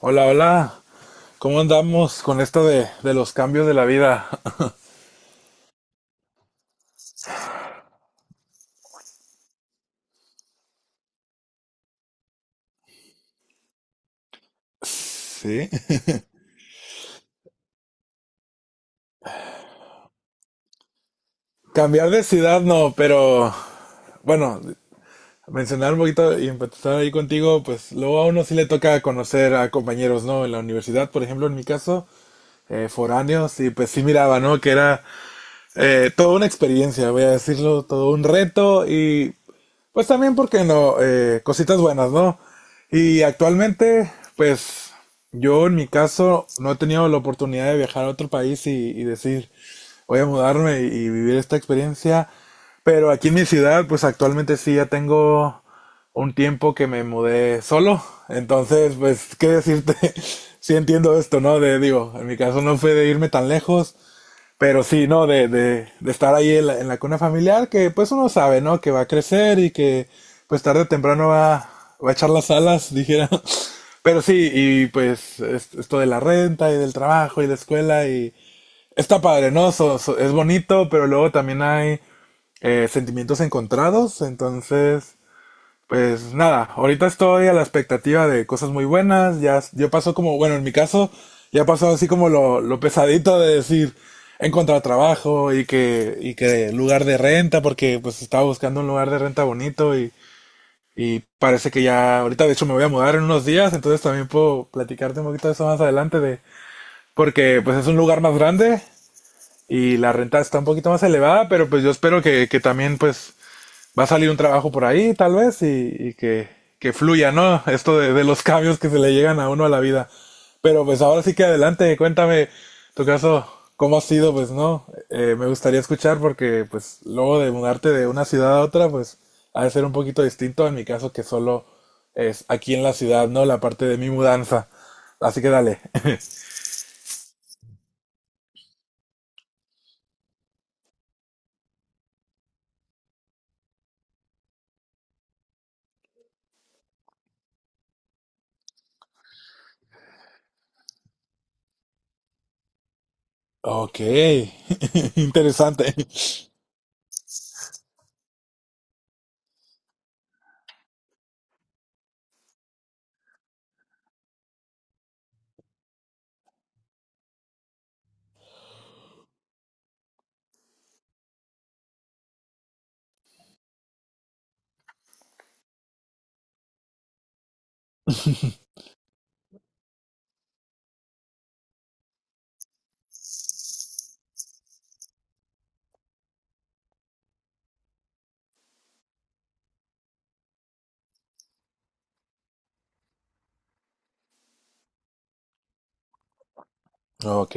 Hola, hola. ¿Cómo andamos con esto de los cambios de la vida? Sí. Cambiar de ciudad no, pero bueno, mencionar un poquito y empezar ahí contigo, pues luego a uno sí le toca conocer a compañeros, ¿no? En la universidad, por ejemplo, en mi caso, foráneos, y pues sí miraba, ¿no? Que era toda una experiencia, voy a decirlo, todo un reto y pues también, ¿porque no? Cositas buenas, ¿no? Y actualmente, pues yo en mi caso no he tenido la oportunidad de viajar a otro país y decir, voy a mudarme y vivir esta experiencia. Pero aquí en mi ciudad, pues actualmente sí ya tengo un tiempo que me mudé solo. Entonces, pues, ¿qué decirte? Sí entiendo esto, ¿no? De, digo, en mi caso no fue de irme tan lejos, pero sí, ¿no? De estar ahí en la cuna familiar, que pues uno sabe, ¿no? Que va a crecer y que pues tarde o temprano va a echar las alas, dijera. Pero sí, y pues esto de la renta y del trabajo y la escuela y está padre, ¿no? Es bonito, pero luego también hay sentimientos encontrados, entonces... Pues nada, ahorita estoy a la expectativa de cosas muy buenas. Ya, yo pasó como, bueno, en mi caso, ya pasó así como lo pesadito de decir encontrar trabajo y que lugar de renta, porque pues estaba buscando un lugar de renta bonito y parece que ya, ahorita de hecho me voy a mudar en unos días, entonces también puedo platicarte un poquito de eso más adelante de, porque pues es un lugar más grande y la renta está un poquito más elevada, pero pues yo espero que también pues va a salir un trabajo por ahí, tal vez, que fluya, ¿no? Esto de los cambios que se le llegan a uno a la vida. Pero pues ahora sí que adelante, cuéntame tu caso, cómo ha sido, pues no. Me gustaría escuchar porque pues luego de mudarte de una ciudad a otra, pues ha de ser un poquito distinto en mi caso que solo es aquí en la ciudad, ¿no? La parte de mi mudanza. Así que dale. Ok, interesante. Ok.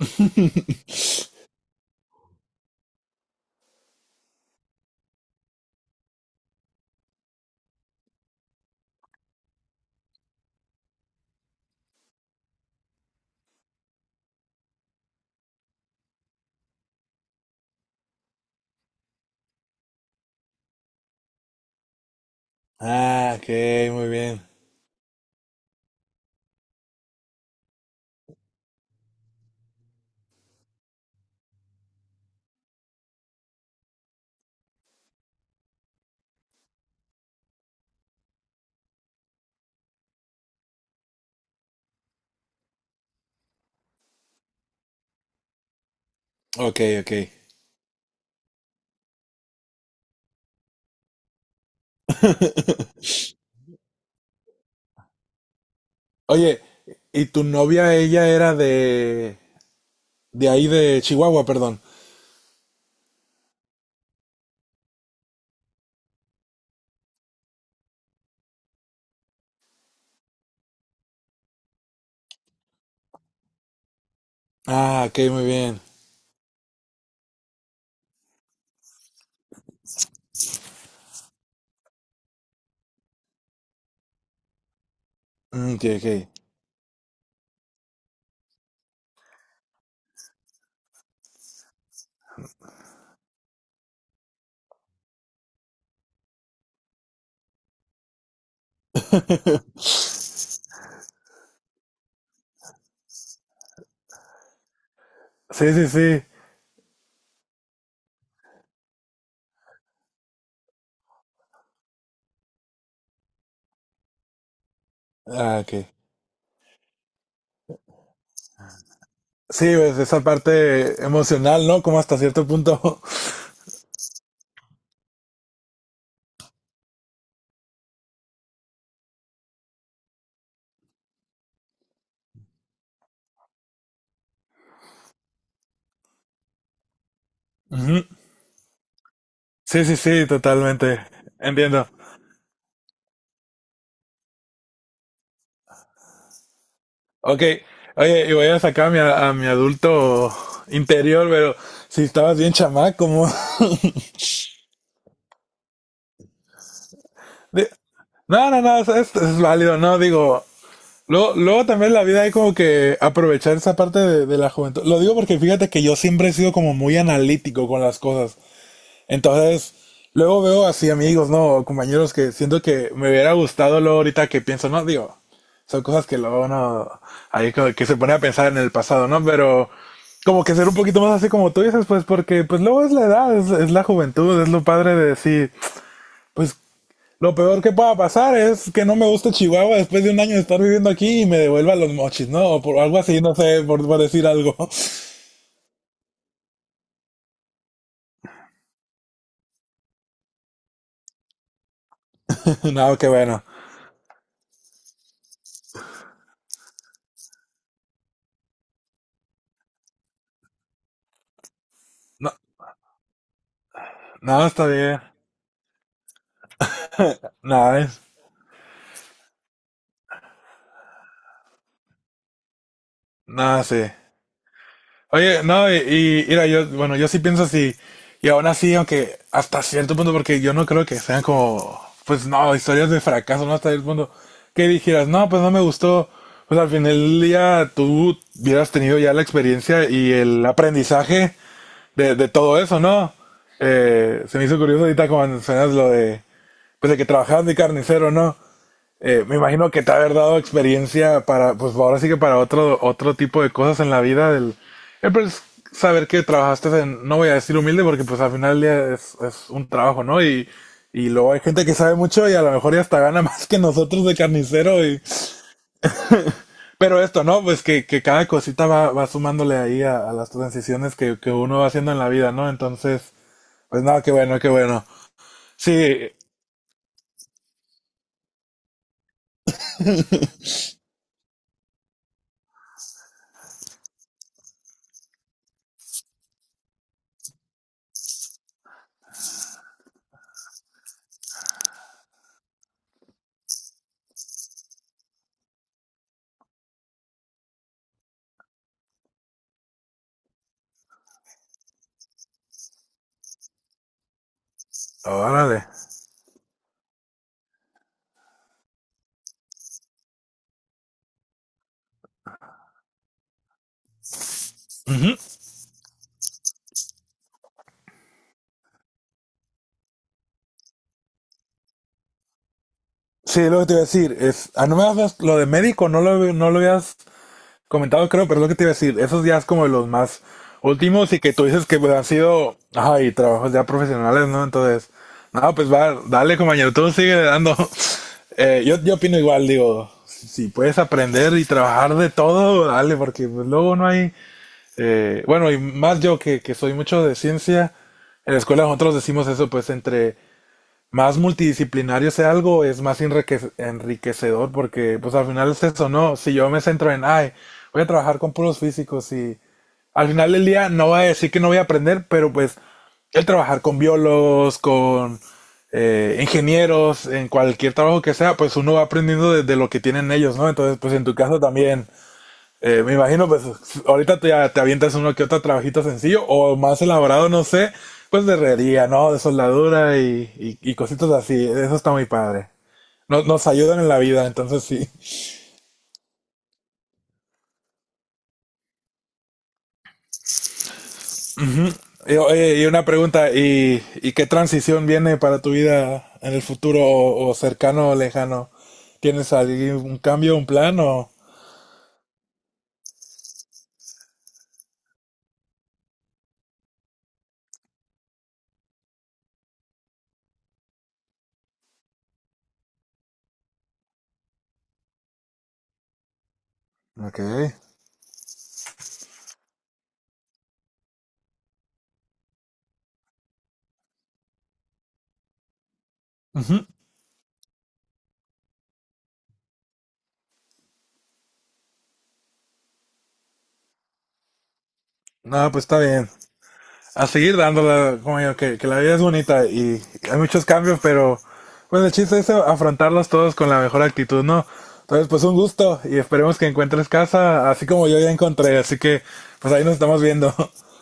Ah, ok, muy bien. Ok, ok. Oye, ¿y tu novia, ella era de ahí de Chihuahua, perdón? Ah, ok, muy bien. Mm, ok, ok. Sí, sí, sí. Ah, ok. Sí, pues esa parte emocional, ¿no? Como hasta cierto punto. Ujú. Sí, sí, sí, totalmente. Entiendo. Ok. Oye, y voy a sacar a mi adulto interior, pero si estabas bien chamaco, como... de- No, no, no, es válido, no, digo, luego, luego también la vida hay como que aprovechar esa parte de la juventud. Lo digo porque fíjate que yo siempre he sido como muy analítico con las cosas. Entonces, luego veo así amigos, ¿no? Compañeros que siento que me hubiera gustado luego ahorita que pienso, ¿no? Digo, son cosas que luego uno ahí como que se pone a pensar en el pasado, ¿no? Pero como que ser un poquito más así como tú dices, pues porque pues luego es la edad, es la juventud, es lo padre de decir, pues lo peor que pueda pasar es que no me guste Chihuahua después de un año de estar viviendo aquí y me devuelva los mochis, ¿no? O por algo así, no sé, por decir algo. No, qué bueno. No, no, está bien. Nada, es- Nada, sí. Oye, no, y mira, yo, bueno, yo sí pienso así, y aún así, aunque hasta cierto punto, porque yo no creo que sean como, pues no, historias de fracaso, no hasta el punto que dijeras, no, pues no me gustó, pues al final del día tú hubieras tenido ya la experiencia y el aprendizaje de todo eso, ¿no? Se me hizo curioso ahorita cuando mencionas lo de, pues de que trabajabas de carnicero, ¿no? Me imagino que te ha de haber dado experiencia para, pues ahora sí que para otro tipo de cosas en la vida del... pues, saber que trabajaste en, no voy a decir humilde porque pues al final del día es un trabajo, ¿no? Y luego hay gente que sabe mucho y a lo mejor ya hasta gana más que nosotros de carnicero y... Pero esto, ¿no? Pues que cada cosita va sumándole ahí a las transiciones que uno va haciendo en la vida, ¿no? Entonces, pues nada, qué bueno, qué bueno. Sí, órale. Sí, lo que te iba a decir es, ah, no me has- lo de médico, no lo, no lo habías comentado, creo, pero es lo que te iba a decir, esos ya es como de los más últimos y que tú dices que pues, han sido, ay, trabajos ya profesionales, ¿no? Entonces, no, pues va, dale, compañero, tú sigue dando. Yo, yo opino igual, digo, si puedes aprender y trabajar de todo, dale, porque pues, luego no hay, bueno, y más yo que soy mucho de ciencia, en la escuela nosotros decimos eso, pues entre más multidisciplinario sea algo, es más enriquecedor porque pues al final es eso, ¿no? Si yo me centro en, ay, voy a trabajar con puros físicos y al final del día no voy a decir que no voy a aprender, pero pues el trabajar con biólogos, con ingenieros, en cualquier trabajo que sea, pues uno va aprendiendo de lo que tienen ellos, ¿no? Entonces, pues en tu caso también, me imagino, pues ahorita te avientas uno que otro trabajito sencillo o más elaborado, no sé, pues de herrería, ¿no? De soldadura y cositas así. Eso está muy padre. Nos, nos ayudan en la vida, entonces sí. Y, oye, y una pregunta, y qué transición viene para tu vida en el futuro o cercano o lejano? ¿Tienes algún un cambio, un plan o...? Ok. Ujú. No, pues está bien. A seguir dándole, como yo, que la vida es bonita y hay muchos cambios, pero bueno, el chiste es afrontarlos todos con la mejor actitud, ¿no? Entonces, pues un gusto y esperemos que encuentres casa, así como yo ya encontré, así que pues ahí nos estamos viendo.